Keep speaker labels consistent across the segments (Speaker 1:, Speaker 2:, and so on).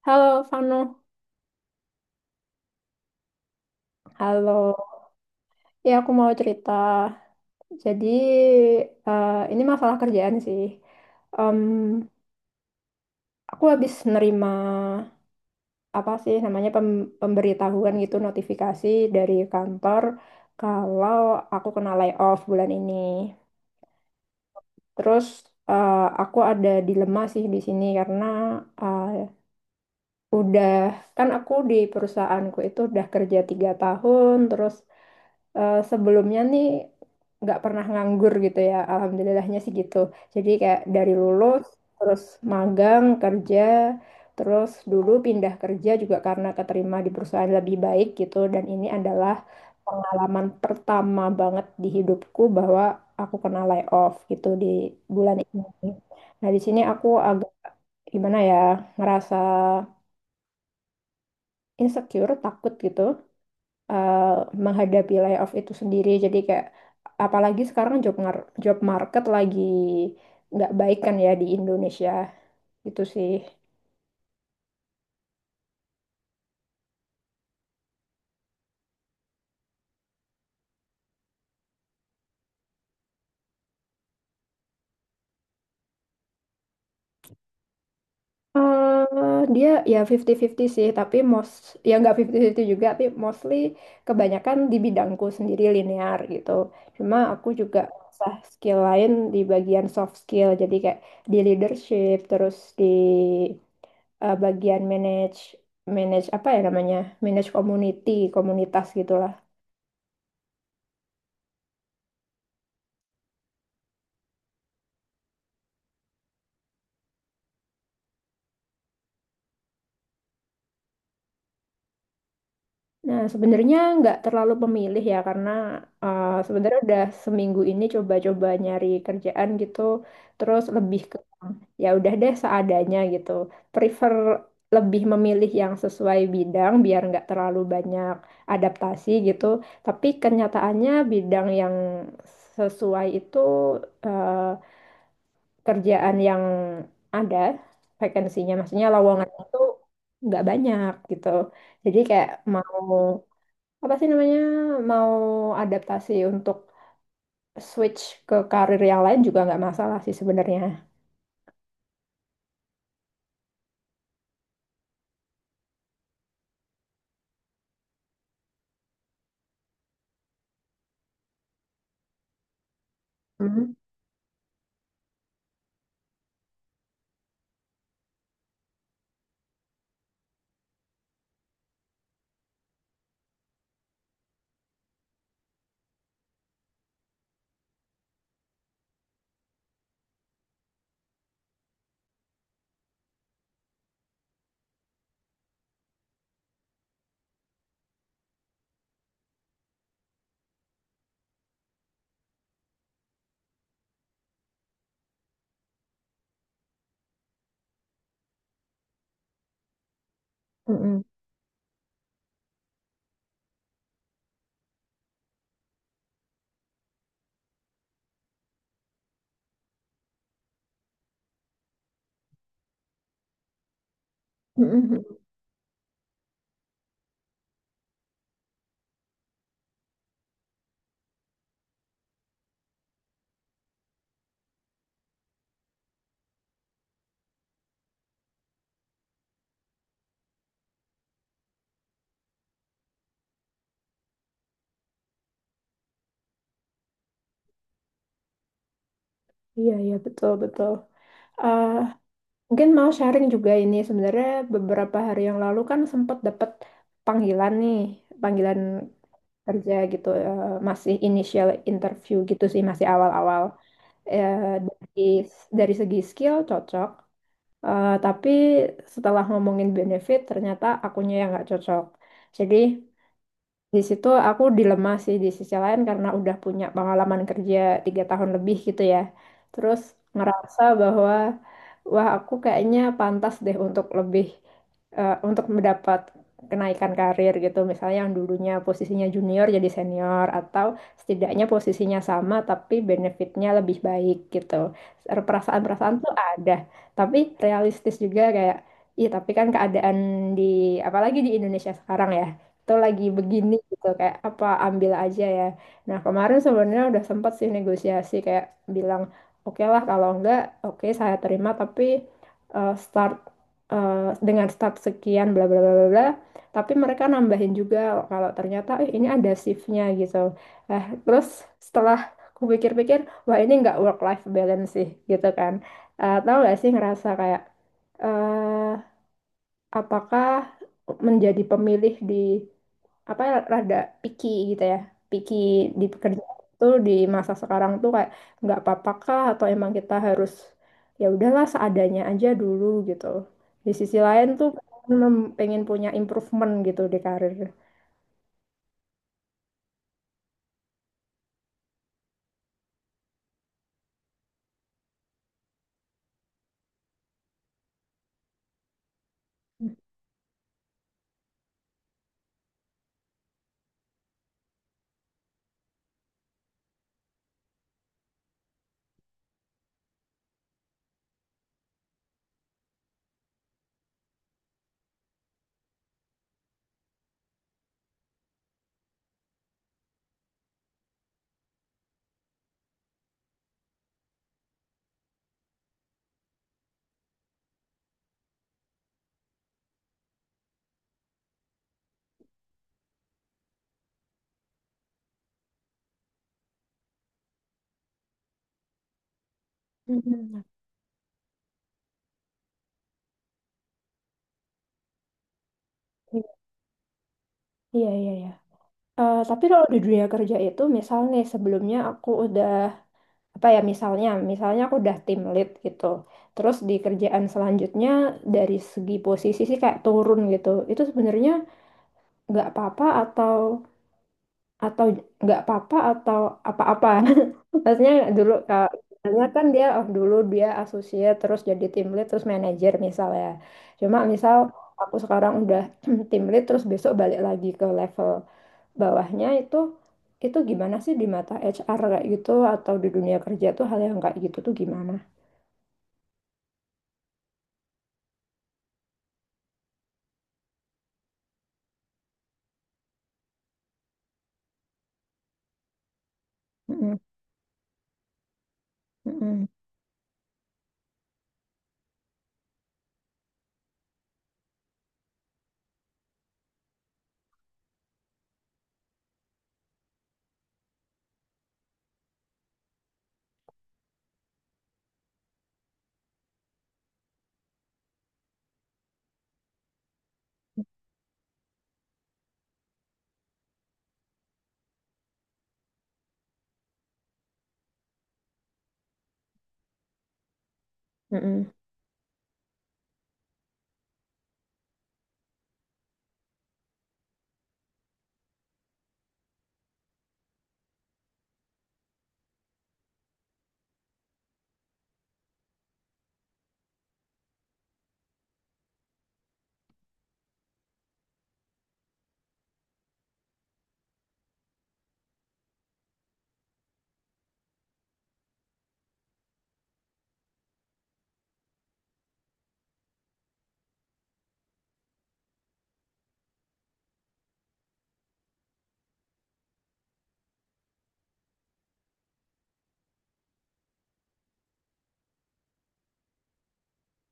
Speaker 1: Halo, Fano. Halo. Ya, aku mau cerita. Jadi, ini masalah kerjaan sih. Em, aku habis nerima apa sih namanya pemberitahuan gitu, notifikasi dari kantor kalau aku kena layoff bulan ini. Terus eh, aku ada dilema sih di sini karena eh, udah kan aku di perusahaanku itu udah kerja tiga tahun, terus sebelumnya nih nggak pernah nganggur gitu ya, alhamdulillahnya sih gitu, jadi kayak dari lulus terus magang kerja, terus dulu pindah kerja juga karena keterima di perusahaan lebih baik gitu, dan ini adalah pengalaman pertama banget di hidupku bahwa aku kena layoff gitu di bulan ini. Nah, di sini aku agak gimana ya, ngerasa insecure, takut gitu eh, menghadapi layoff itu sendiri. Jadi kayak apalagi sekarang job market lagi nggak baik kan ya di Indonesia. Gitu sih. Eh dia ya 50-50 sih, tapi most, ya nggak 50-50 juga, tapi mostly kebanyakan di bidangku sendiri linear gitu. Cuma aku juga sah skill lain di bagian soft skill, jadi kayak di leadership, terus di bagian manage, manage apa ya namanya? Manage community, komunitas gitu. Nah, sebenarnya nggak terlalu memilih ya, karena sebenarnya udah seminggu ini coba-coba nyari kerjaan gitu, terus lebih ke ya udah deh seadanya gitu. Prefer, lebih memilih yang sesuai bidang biar nggak terlalu banyak adaptasi gitu. Tapi kenyataannya bidang yang sesuai itu uh, kerjaan yang ada vakansinya, maksudnya lowongan itu nggak banyak gitu. Jadi kayak mau apa sih namanya, mau adaptasi untuk switch ke karir yang lain juga nggak masalah sih sebenarnya. Hmm. Mm-mm. Mm-mm. Iya, iya, betul, betul. Eh, mungkin mau sharing juga ini sebenarnya beberapa hari yang lalu kan sempat dapat panggilan nih, panggilan kerja gitu, masih initial interview gitu sih, masih awal-awal. Eh, dari dari segi skill cocok. Eh, tapi setelah ngomongin benefit, ternyata akunya yang nggak cocok. Jadi di situ aku dilema sih di sisi lain karena udah punya pengalaman kerja tiga tahun lebih gitu ya. Terus ngerasa bahwa wah, aku kayaknya pantas deh untuk lebih untuk mendapat kenaikan karir gitu. Misalnya yang dulunya posisinya junior jadi senior, atau setidaknya posisinya sama tapi benefitnya lebih baik gitu. Perasaan-perasaan tuh ada, tapi realistis juga kayak iya, tapi kan keadaan di apalagi di Indonesia sekarang ya tuh lagi begini gitu kayak apa, ambil aja ya. Nah, kemarin sebenarnya udah sempat sih negosiasi kayak bilang oke lah, kalau enggak oke saya terima, tapi start eh, dengan start sekian bla bla bla bla bla. Tapi mereka nambahin juga kalau ternyata eh, ini ada shiftnya gitu. Eh, terus setelah aku pikir-pikir, wah ini nggak work life balance sih gitu kan. Eh, tahu gak sih, ngerasa kayak eh apakah menjadi pemilih di apa, rada picky gitu ya, picky di pekerjaan tuh di masa sekarang tuh kayak nggak apa-apa kah, atau emang kita harus ya udahlah seadanya aja dulu gitu, di sisi lain tuh pengen pengen punya improvement gitu di karir. Hmm. Iya, iya, iya. Eh, tapi kalau di dunia kerja itu, misalnya sebelumnya aku udah, apa ya, misalnya, misalnya aku udah tim lead gitu. Terus di kerjaan selanjutnya, dari segi posisi sih kayak turun gitu. Itu sebenarnya nggak apa-apa atau nggak apa-apa atau apa-apa maksudnya dulu kalau misalnya kan dia oh, dulu dia associate terus jadi tim lead terus manajer misalnya, cuma misal aku sekarang udah tim lead terus besok balik lagi ke level bawahnya, itu gimana sih di mata HR kayak gitu, atau di dunia kerja tuh hal yang kayak gitu tuh gimana? Mm-mm, mm-mm, mm-mm,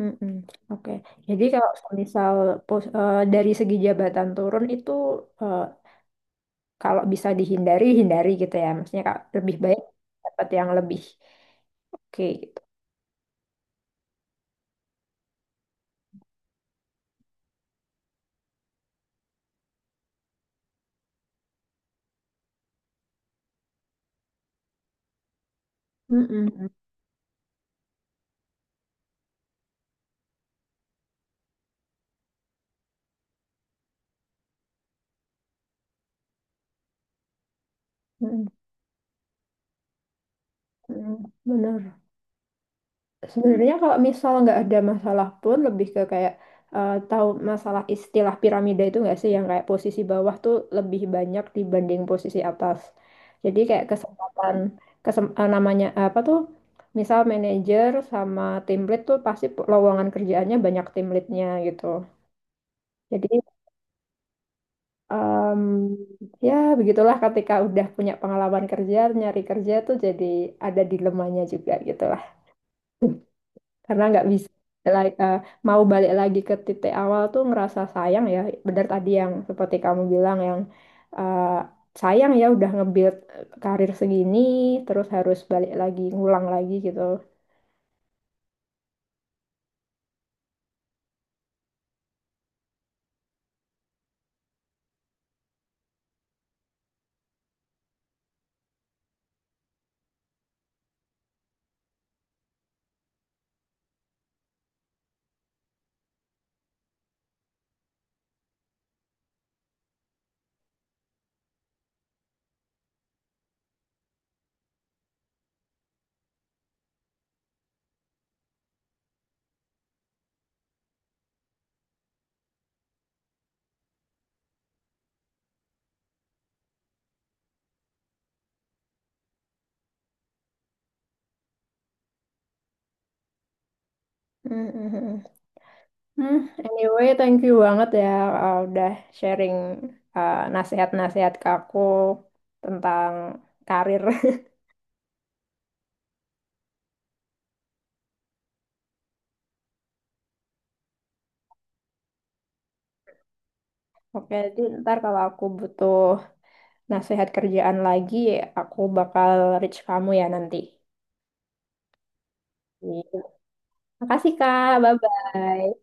Speaker 1: mm-mm. Oke, jadi kalau misal dari segi jabatan turun itu eh, kalau bisa dihindari, hindari gitu ya, maksudnya kak lebih baik dapat yang lebih oke gitu. Mm-mm. Mm, mm, bener, sebenarnya kalau misal nggak ada masalah pun lebih ke kayak tahu masalah istilah piramida itu nggak sih, yang kayak posisi bawah tuh lebih banyak dibanding posisi atas, jadi kayak kesempatan namanya apa tuh, misal manajer sama tim lead tuh pasti lowongan kerjaannya banyak tim leadnya gitu, jadi Em, ya begitulah ketika udah punya pengalaman kerja nyari kerja tuh jadi ada dilemanya juga gitu lah karena nggak bisa like, mau balik lagi ke titik awal tuh ngerasa sayang ya, benar tadi yang seperti kamu bilang yang eh, sayang ya udah nge-build karir segini terus harus balik lagi ngulang lagi gitu. Hmm, anyway, thank you banget ya, udah sharing nasihat-nasihat ke aku tentang karir. Oke, jadi ntar kalau aku butuh nasihat kerjaan lagi, aku bakal reach kamu ya nanti. Iya. Makasih Kak, bye-bye.